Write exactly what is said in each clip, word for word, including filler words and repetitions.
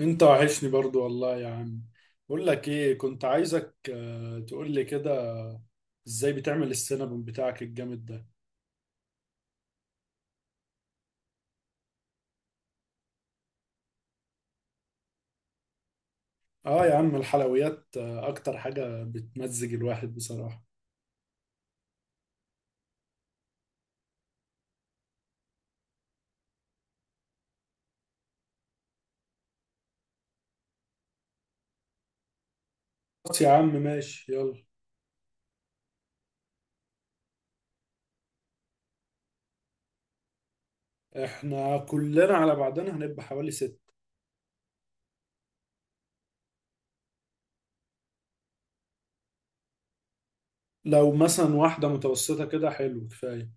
انت وحشني برضو والله يا عم. بقول لك ايه، كنت عايزك آه، تقول لي كده، ازاي بتعمل السينابون بتاعك الجامد ده؟ اه يا عم، الحلويات آه، اكتر حاجة بتمزج الواحد بصراحة. بس يا عم ماشي يلا. احنا كلنا على بعضنا هنبقى حوالي ست. لو مثلا واحدة متوسطة كده، حلو كفاية.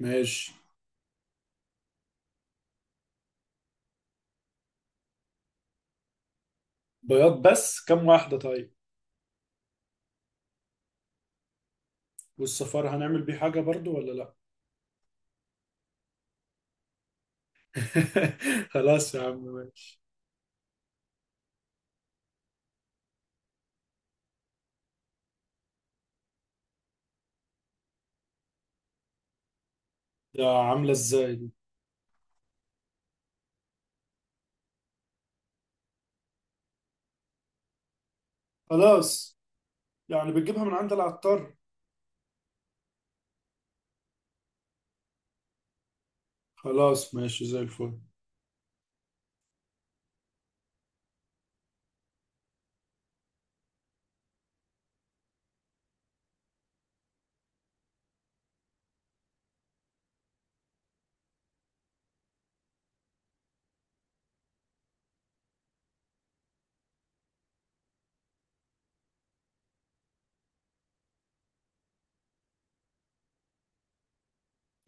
ماشي. بياض بس، كم واحدة طيب؟ والصفار هنعمل بيه حاجة برضو ولا لا؟ خلاص يا عم ماشي. ده عاملة ازاي دي؟ خلاص، يعني بتجيبها من عند العطار؟ خلاص ماشي زي الفل.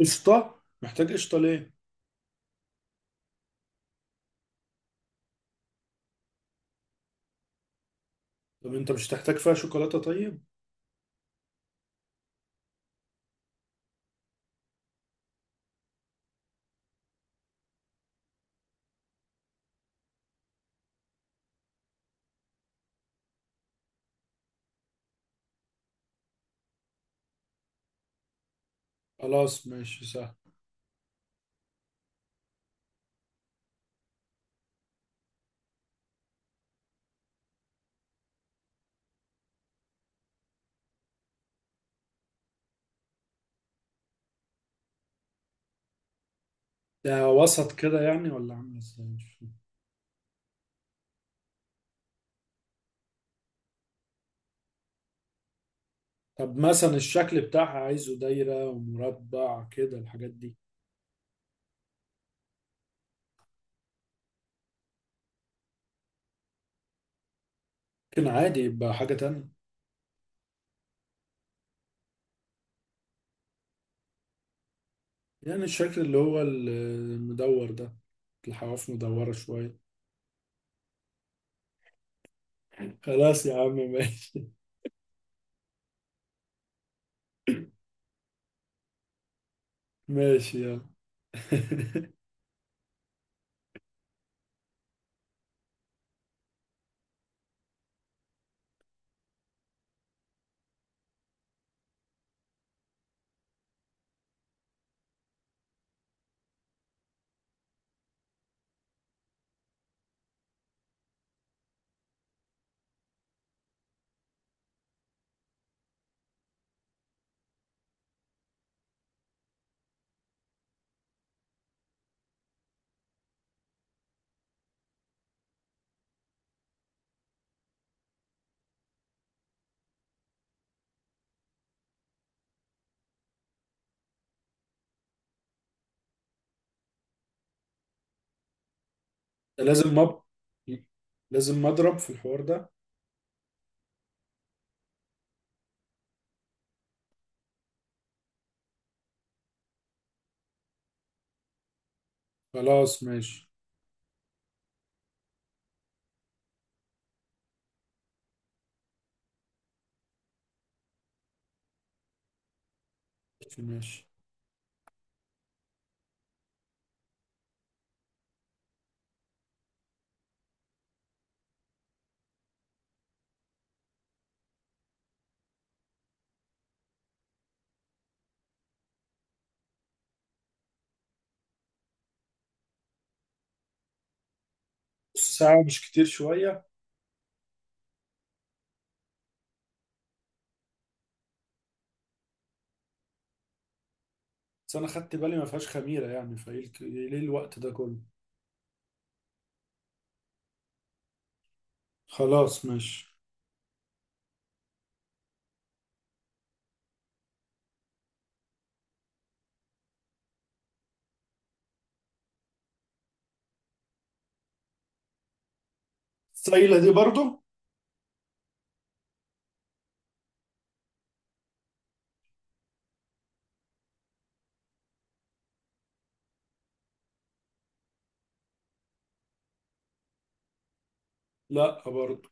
قشطة؟ محتاج قشطة ليه؟ طب انت مش تحتاج فيها شوكولاتة طيب؟ خلاص ماشي سهل. ده وسط كده يعني، ولا عامل ازاي؟ مش فاهم. طب مثلا الشكل بتاعها، عايزه دايرة ومربع كده الحاجات دي؟ ممكن عادي يبقى حاجة تانية. يعني الشكل اللي هو ال- المدور ده، الحواف مدورة شوية. خلاص يا عم ماشي. ماشي يلا. لازم مب... لازم مضرب في الحوار ده. خلاص ماشي. ماشي. نص ساعة مش كتير شوية؟ بس أنا خدت بالي ما فيهاش خميرة يعني، فإيه الك- إيه ليه الوقت ده كله؟ خلاص ماشي. السايلة دي برضو؟ لا برضو.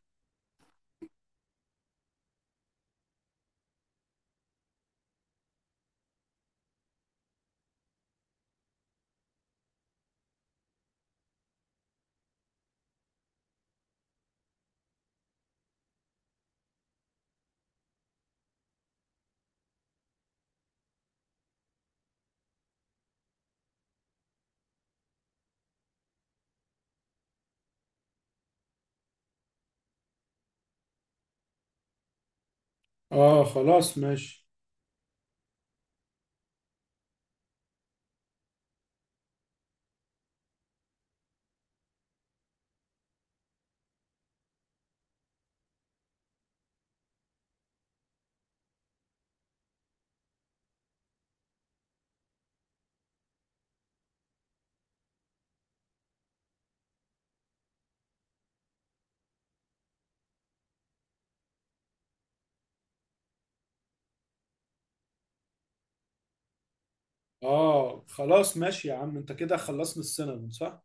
آه خلاص ماشي. آه خلاص ماشي يا عم، أنت كده خلصنا السينما صح؟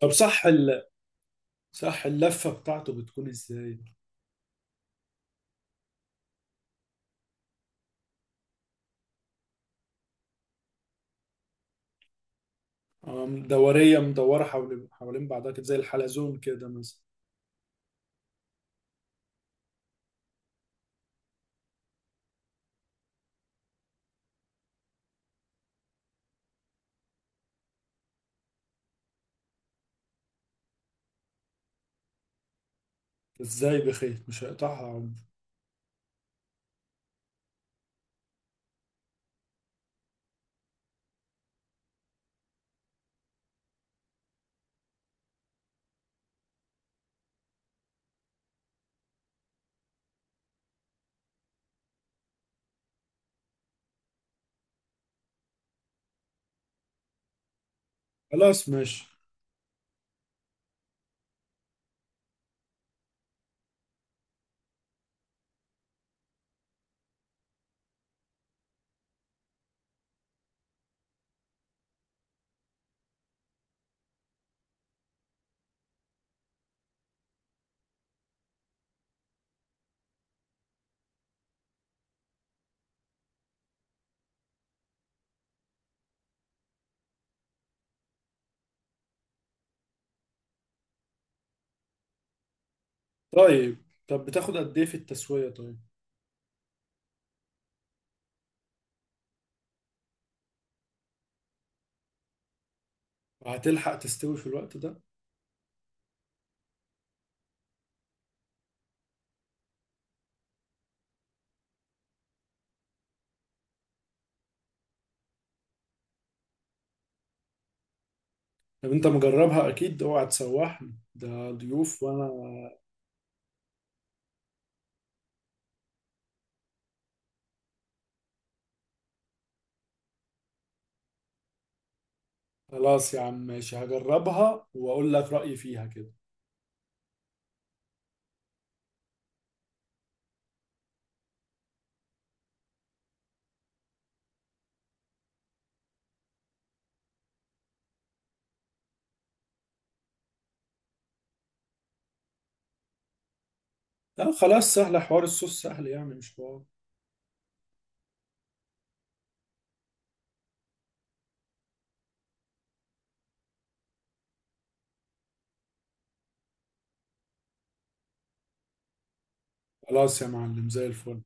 طب صح ال... صح اللفة بتاعته بتكون إزاي؟ آه، دورية مدورة حوالين حوالين بعضها كده، زي الحلزون كده مثلا. إزاي بخيط؟ مش هيقطعها عمر. خلاص ماشي. طيب. طب بتاخد قد إيه في التسوية طيب؟ وهتلحق تستوي في الوقت ده؟ طب انت مجربها اكيد؟ اوعى تسوحني، ده ضيوف وانا. خلاص يا عم ماشي، هجربها واقول لك رأيي فيها كده. لا خلاص، سهلة، حوار الصوص سهل يعني مش حوار. خلاص يا معلم زي الفل.